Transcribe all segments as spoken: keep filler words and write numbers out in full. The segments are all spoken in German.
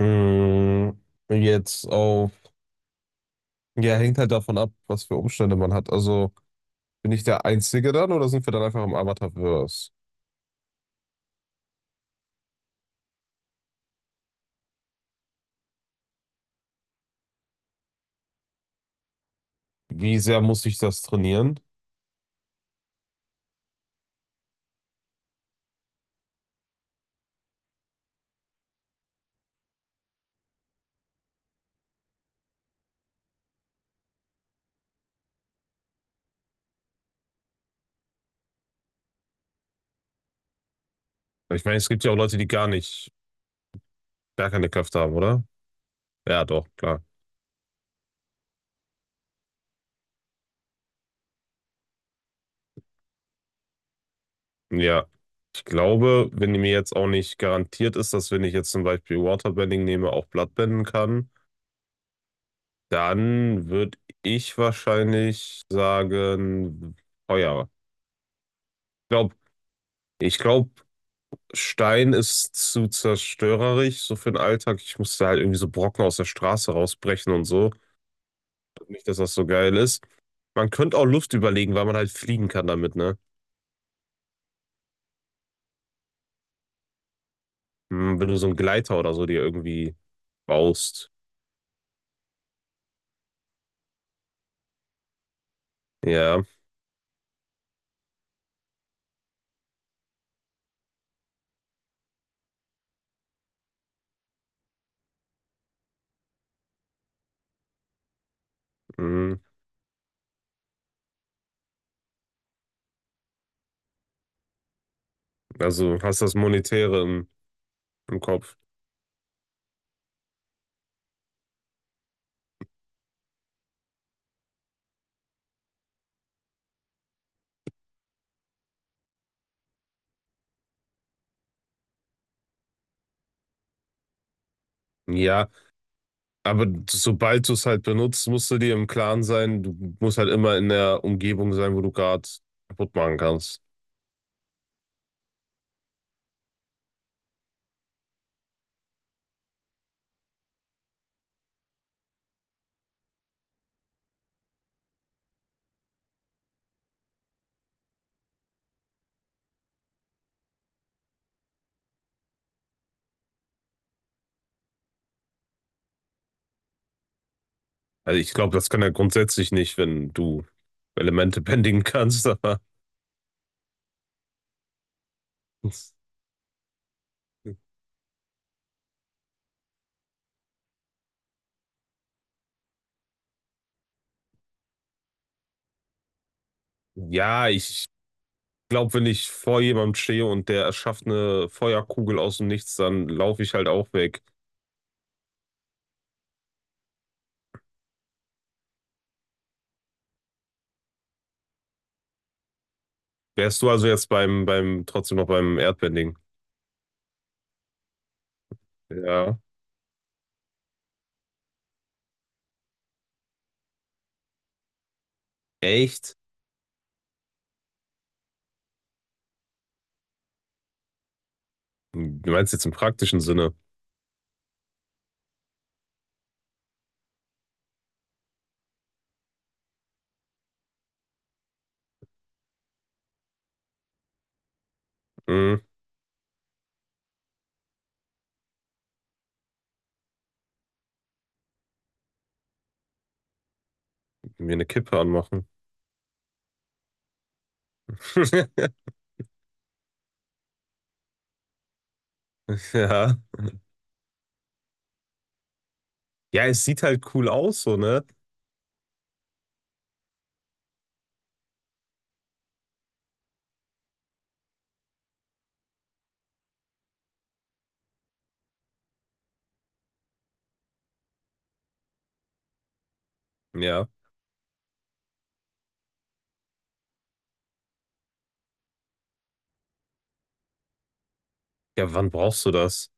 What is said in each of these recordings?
Mm, jetzt auf, ja, hängt halt davon ab, was für Umstände man hat. Also bin ich der Einzige dann oder sind wir dann einfach im Avatarverse? Wie sehr muss ich das trainieren? Ich meine, es gibt ja auch Leute, die gar nicht, gar keine Kräfte haben, oder? Ja, doch, klar. Ja. Ich glaube, wenn mir jetzt auch nicht garantiert ist, dass wenn ich jetzt zum Beispiel Waterbending nehme, auch Bloodbenden kann, dann würde ich wahrscheinlich sagen, Feuer. Ich glaube, ich glaube, Stein ist zu zerstörerisch, so für den Alltag. Ich musste halt irgendwie so Brocken aus der Straße rausbrechen und so. Nicht, dass das so geil ist. Man könnte auch Luft überlegen, weil man halt fliegen kann damit, ne? Hm, wenn du so einen Gleiter oder so dir irgendwie baust. Ja, hm. Also hast das Monetäre im, im Kopf. Ja, aber sobald du es halt benutzt, musst du dir im Klaren sein, du musst halt immer in der Umgebung sein, wo du gerade kaputt machen kannst. Also ich glaube, das kann er grundsätzlich nicht, wenn du Elemente bändigen kannst. Aber ja, ich glaube, wenn ich vor jemandem stehe und der erschafft eine Feuerkugel aus dem Nichts, dann laufe ich halt auch weg. Wärst du also jetzt beim, beim, trotzdem noch beim Erdbending? Ja. Echt? Du meinst jetzt im praktischen Sinne? Hm, mir eine Kippe anmachen. Ja. Ja, es sieht halt cool aus, so, ne? Ja. Ja, wann brauchst du das?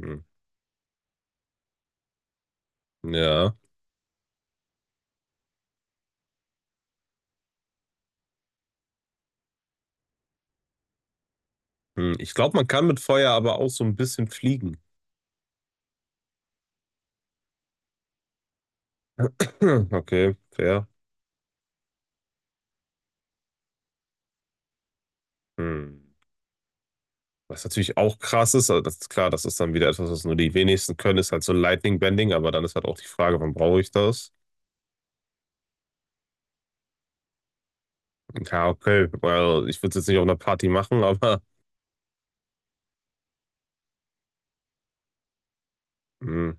Hm. Ja. Hm, ich glaube, man kann mit Feuer aber auch so ein bisschen fliegen. Okay, fair. Hm. Was natürlich auch krass ist, aber das ist klar, das ist dann wieder etwas, was nur die wenigsten können, ist halt so Lightning Bending, aber dann ist halt auch die Frage, wann brauche ich das? Ja, okay, well, ich würde es jetzt nicht auf einer Party machen, aber hm.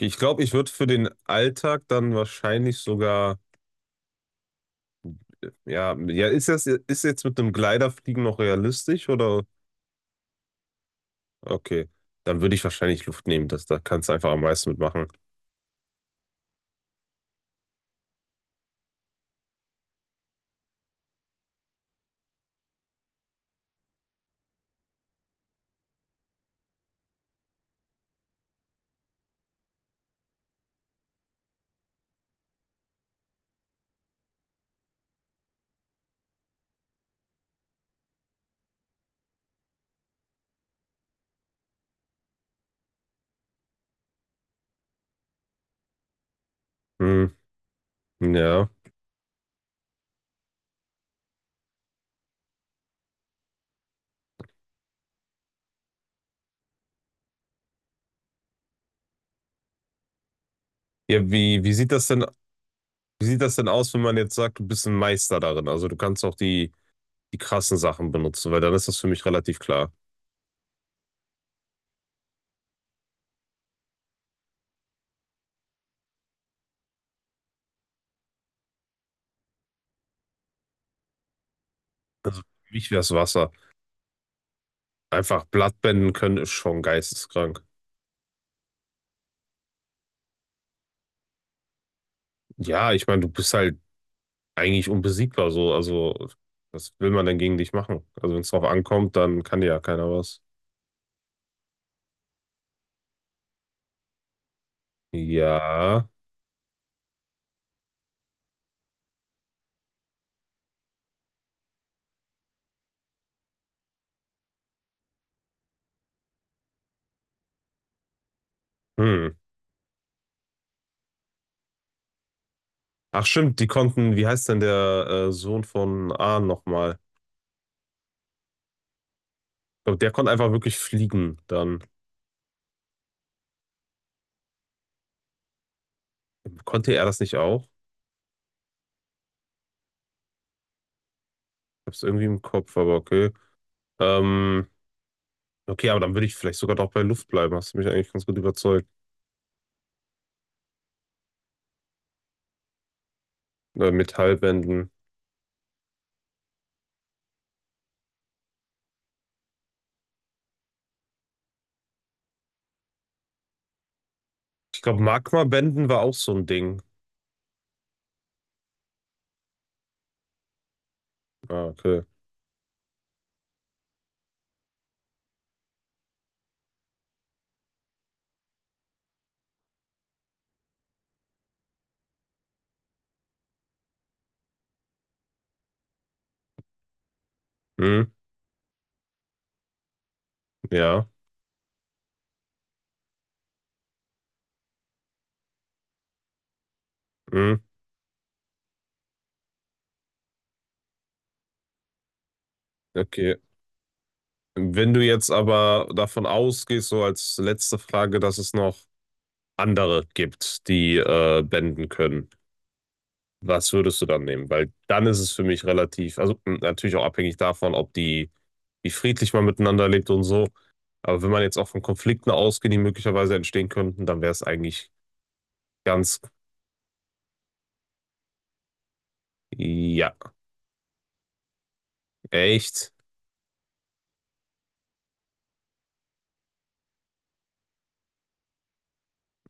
Ich glaube, ich würde für den Alltag dann wahrscheinlich sogar, ja, ja, ist das, ist jetzt mit einem Gliderfliegen noch realistisch oder? Okay, dann würde ich wahrscheinlich Luft nehmen, das, da kannst du einfach am meisten mitmachen. Hm, ja. Ja, wie, wie sieht das denn, wie sieht das denn aus, wenn man jetzt sagt, du bist ein Meister darin? Also du kannst auch die, die krassen Sachen benutzen, weil dann ist das für mich relativ klar. Für mich wär's Wasser. Einfach Blattbänden können ist schon geisteskrank. Ja, ich meine, du bist halt eigentlich unbesiegbar so. Also, was will man denn gegen dich machen? Also, wenn es drauf ankommt, dann kann dir ja keiner was. Ja. Hm. Ach stimmt, die konnten, wie heißt denn der äh, Sohn von Ahn nochmal? Ich glaub, der konnte einfach wirklich fliegen. Dann konnte er das nicht auch? Hab's irgendwie im Kopf, aber okay. Ähm, okay, aber dann würde ich vielleicht sogar doch bei Luft bleiben. Hast du mich eigentlich ganz gut überzeugt. Äh, Metallbänden. Ich glaube, Magmabänden war auch so ein Ding. Ah, okay. Hm, ja. Hm, okay. Wenn du jetzt aber davon ausgehst, so als letzte Frage, dass es noch andere gibt, die äh, bänden können, was würdest du dann nehmen? Weil dann ist es für mich relativ, also mh, natürlich auch abhängig davon, ob die, wie friedlich man miteinander lebt und so. Aber wenn man jetzt auch von Konflikten ausgeht, die möglicherweise entstehen könnten, dann wäre es eigentlich ganz, ja, echt,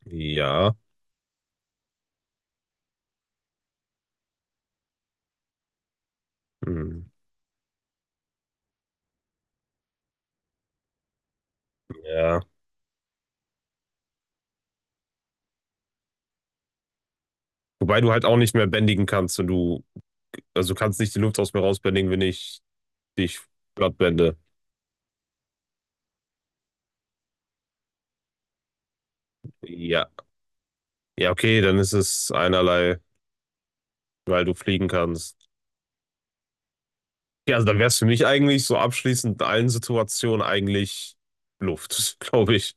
ja, hm, ja. Wobei du halt auch nicht mehr bändigen kannst und du, also du kannst nicht die Luft aus mir rausbändigen, wenn ich dich platt bände. Ja. Ja, okay, dann ist es einerlei, weil du fliegen kannst. Ja, also dann wäre es für mich eigentlich so abschließend in allen Situationen eigentlich Luft, glaube ich.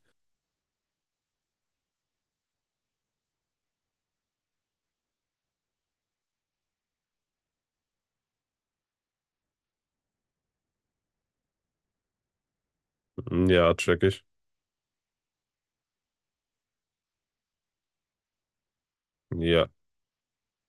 Hm, ja, check ich. Ja.